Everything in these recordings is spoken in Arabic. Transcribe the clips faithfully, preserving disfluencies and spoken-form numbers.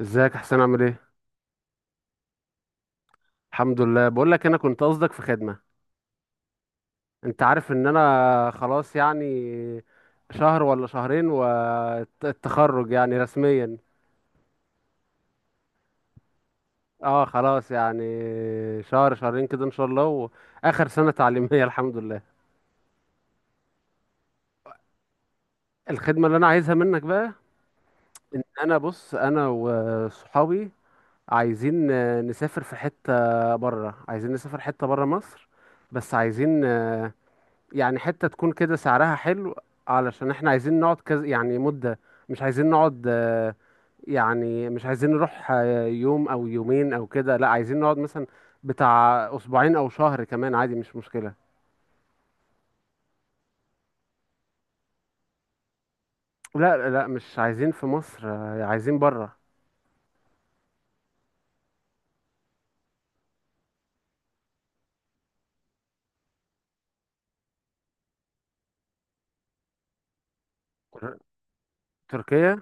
ازيك يا حسين؟ عامل ايه؟ الحمد لله. بقول لك انا كنت قصدك في خدمة. انت عارف ان انا خلاص، يعني شهر ولا شهرين والتخرج يعني رسميا. اه، خلاص يعني شهر شهرين كده ان شاء الله. واخر سنة تعليمية. الحمد لله. الخدمة اللي انا عايزها منك بقى، ان انا، بص، انا وصحابي عايزين نسافر في حتة بره. عايزين نسافر حتة بره مصر، بس عايزين يعني حتة تكون كده سعرها حلو، علشان احنا عايزين نقعد كذا يعني مدة. مش عايزين نقعد آه، يعني مش عايزين نروح آه، يوم او يومين او كده، لا عايزين نقعد مثلا بتاع اسبوعين او شهر، كمان عادي، مش مشكلة. لا لا، مش عايزين في مصر آه، عايزين بره. تركيا.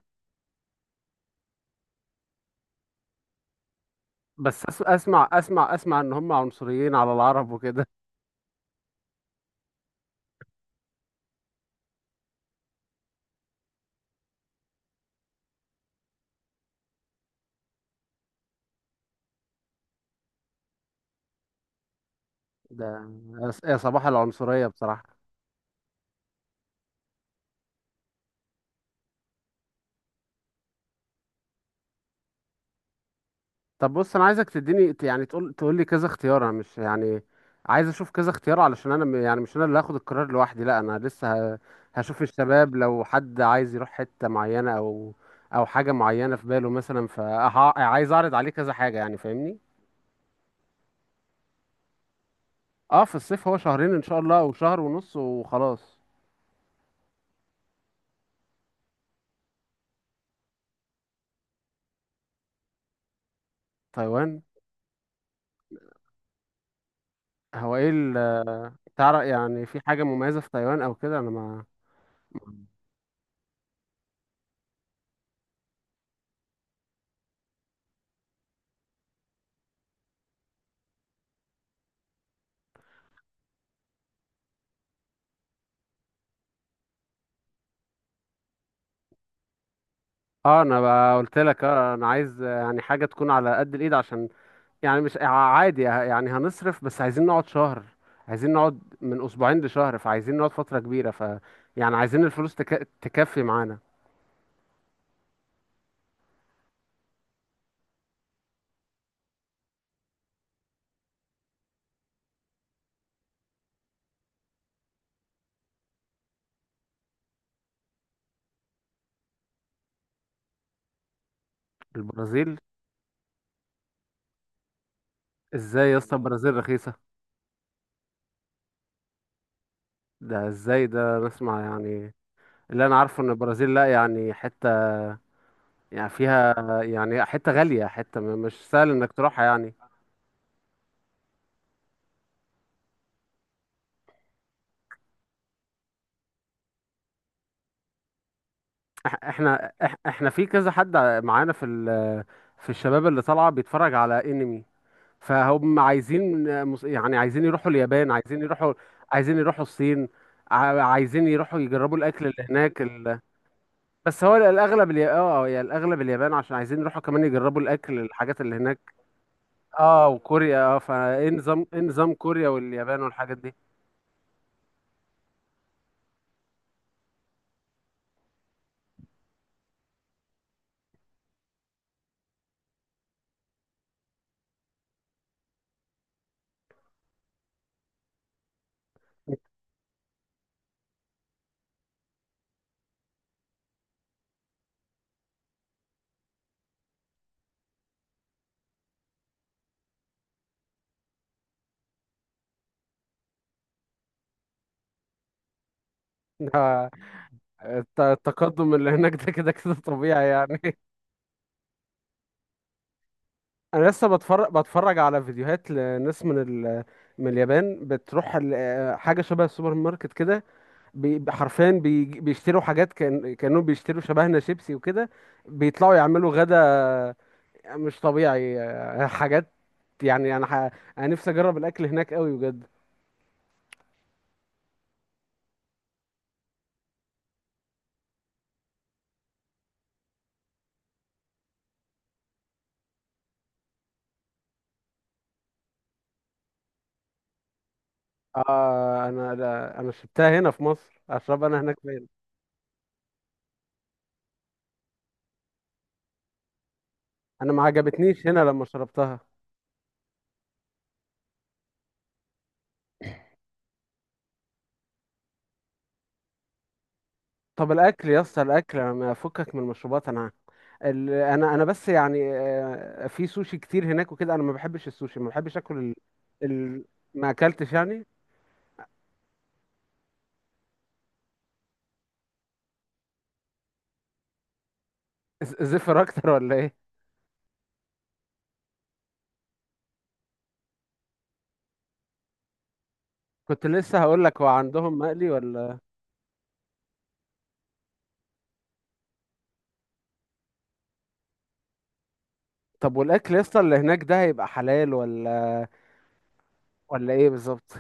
بس أس- اسمع اسمع اسمع، ان هم عنصريين على العرب وكده. ده يا صباح العنصرية بصراحة. طب بص، انا عايزك تديني ت- يعني تقول تقول لي كذا اختيار. انا مش يعني عايز اشوف كذا اختيار، علشان انا م- يعني مش انا اللي هاخد القرار لوحدي، لا انا لسه ه- هشوف الشباب، لو حد عايز يروح حتة معينة او، او حاجة معينة في باله مثلا، فعايز اعرض عليه كذا حاجة يعني، فاهمني. اه، في الصيف، هو شهرين ان شاء الله او شهر ونص وخلاص. تايوان. هو ايه ال- تعرف يعني في حاجة مميزة في تايوان او كده؟ انا ما. اه، انا بقى قلت لك، اه انا عايز يعني حاجة تكون على قد الايد، عشان يعني مش ع- عادي ه- يعني هنصرف، بس عايزين نقعد شهر. عايزين نقعد من اسبوعين لشهر، فعايزين نقعد فترة كبيرة، ف يعني عايزين الفلوس تك... تكفي معانا. البرازيل؟ ازاي يا اسطى البرازيل رخيصة؟ ده ازاي ده، نسمع يعني. اللي انا عارفه ان البرازيل، لا يعني حتة، يعني فيها، يعني حتة غالية، حتة م- مش سهل انك تروحها يعني. إح- احنا إح- احنا في كذا حد معانا في ال... في الشباب اللي طالعة بيتفرج على انمي، فهم عايزين مس- يعني عايزين يروحوا اليابان، عايزين يروحوا، عايزين يروحوا الصين، ع- عايزين يروحوا يجربوا الاكل اللي هناك ال... بس هو الاغلب اليا... اه يا الاغلب اليابان، عشان عايزين يروحوا كمان يجربوا الاكل، الحاجات اللي هناك. اه وكوريا، اه، فايه نظام، ايه نظام كوريا واليابان والحاجات دي؟ آه، الت- التقدم اللي هناك ده كده كده طبيعي يعني. انا لسه بتفرج بتفرج على فيديوهات لناس من ال... من اليابان، بتروح ال- آه، حاجه شبه السوبر ماركت كده، بي بي- حرفيا بي بيشتروا حاجات، كان كانوا بيشتروا شبهنا شيبسي وكده، بيطلعوا يعملوا غدا. مش طبيعي. آه، حاجات، يعني انا ح... انا نفسي اجرب الاكل هناك قوي بجد. آه، انا لا- انا شربتها هنا في مصر، اشرب انا هناك فين؟ انا ما عجبتنيش هنا لما شربتها. طب الاكل يا اسطى، الاكل، انا ما افكك من المشروبات انا. ال... انا انا بس يعني، آه، في سوشي كتير هناك وكده، انا ما بحبش السوشي، ما بحبش اكل ال... ال... ما اكلتش يعني. ز- زفر اكتر ولا ايه؟ كنت لسه هقول لك، هو عندهم مقلي ولا؟ طب والاكل يا اسطى اللي هناك ده، هيبقى حلال، ولا ولا ايه بالظبط؟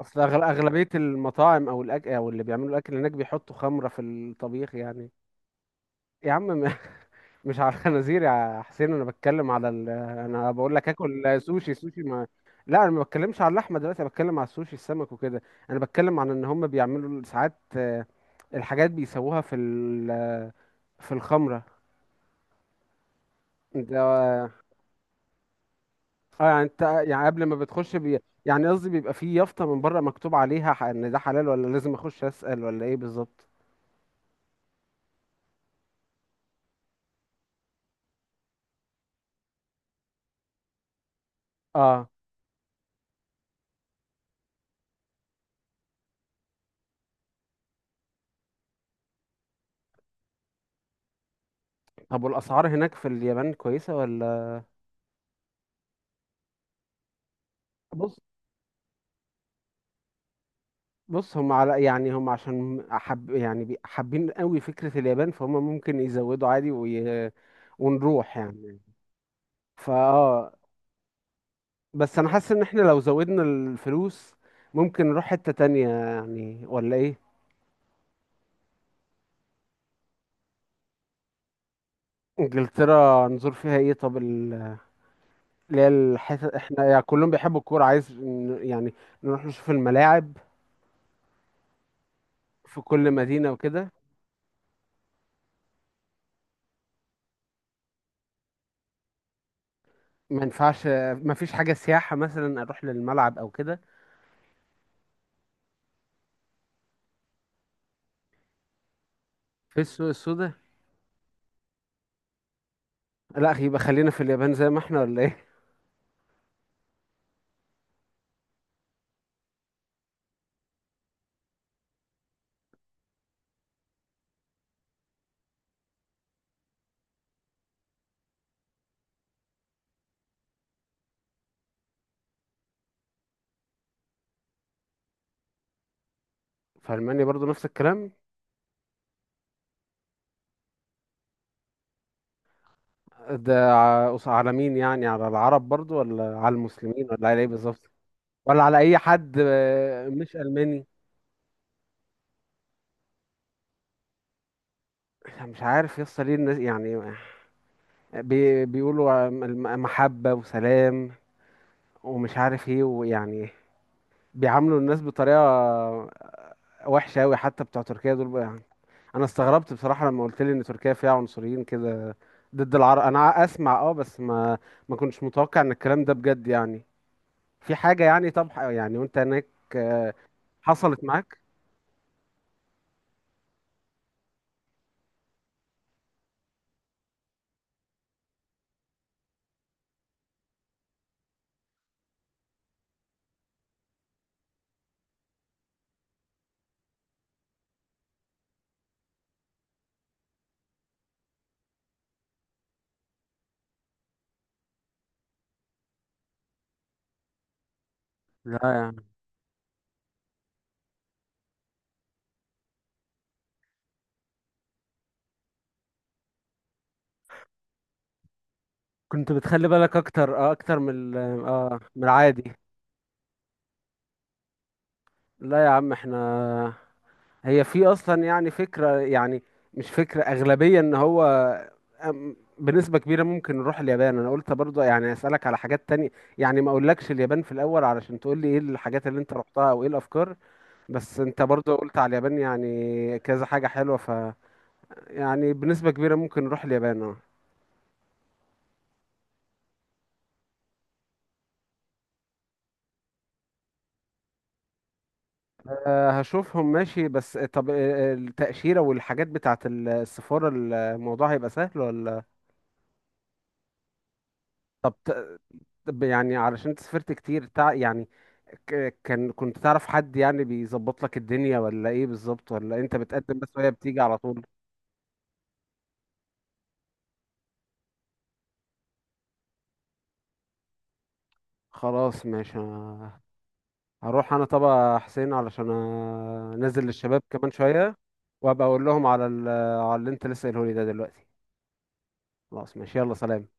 اصل أغل... اغلبيه المطاعم، او الاكل، او اللي بيعملوا الاكل هناك، بيحطوا خمره في الطبيخ يعني. يا عم م- مش على الخنازير يا حسين، انا بتكلم على ال... انا بقول لك اكل سوشي، سوشي ما. لا انا ما بتكلمش على اللحمه دلوقتي، انا بتكلم على السوشي، السمك وكده. انا بتكلم عن ان هم بيعملوا ساعات آه، الحاجات بيسووها في ال... في الخمره ده. اه يعني، انت يعني قبل ما بتخش بي... يعني قصدي بيبقى فيه يافطة من بره مكتوب عليها ح- ان ده حلال، ولا لازم اخش اسأل، ولا ايه بالظبط؟ اه. طب والاسعار هناك في اليابان كويسة ولا؟ بص، بص هم على يعني، هم عشان حب يعني بي- حابين قوي فكرة اليابان، فهم ممكن يزودوا عادي وي... ونروح يعني. فا اه، بس انا حاسس ان احنا لو زودنا الفلوس، ممكن نروح حتة تانية يعني، ولا ايه؟ انجلترا نزور فيها ايه طب؟ اللي هي الحتت، احنا يعني كلهم بيحبوا الكورة، عايز ن- يعني نروح نشوف الملاعب في كل مدينة وكده. ما ينفعش؟ ما فيش حاجة سياحة مثلا اروح للملعب او كده؟ في السوق السوداء؟ لا يبقى خلينا في اليابان زي ما احنا ولا ايه. في ألمانيا برضو نفس الكلام؟ ده ع- قص- على مين يعني؟ على العرب برضو، ولا على المسلمين، ولا على ايه بالظبط؟ ولا على اي حد آه، مش ألماني؟ مش عارف يصل ليه الناس يعني، بي- بيقولوا عن الم- محبة وسلام ومش عارف ايه، ويعني بيعاملوا الناس بطريقة وحشة أوي. حتى بتوع تركيا دول بقى يعني، أنا استغربت بصراحة لما قلت لي إن تركيا فيها عنصريين كده ضد العرب. أنا أسمع أه، بس ما، ما كنتش متوقع إن الكلام ده بجد يعني في حاجة يعني. طب يعني، وأنت هناك آه، حصلت معاك؟ لا يعني كنت بتخلي بالك أكتر، أه أكتر من ال- أه من العادي؟ لا يا عم، إحنا هي في اصلا يعني فكره، يعني مش فكره، اغلبيه، ان هو، أم- بنسبه كبيره ممكن نروح اليابان. انا قلت برضه يعني اسالك على حاجات تانية، يعني ما اقولكش اليابان في الاول علشان تقول لي ايه الحاجات اللي انت رحتها او ايه الافكار. بس انت برضه قلت على اليابان يعني كذا حاجه حلوه، ف يعني بنسبه كبيره ممكن نروح اليابان اه. آه، هشوفهم ماشي. بس طب آه، آه، التاشيره والحاجات بتاعه السفاره، الموضوع هيبقى سهل ولا؟ طب، طب يعني علشان انت سافرت كتير، تع... يعني ك... كان كنت تعرف حد يعني بيظبط لك الدنيا، ولا ايه بالظبط؟ ولا انت بتقدم بس وهي بتيجي على طول؟ خلاص ماشي. أنا هروح انا طبعا حسين، علشان انزل للشباب كمان شوية، وابقى اقول لهم على ال... على اللي انت لسه قايله لي ده دلوقتي. خلاص ماشي، يلا سلام.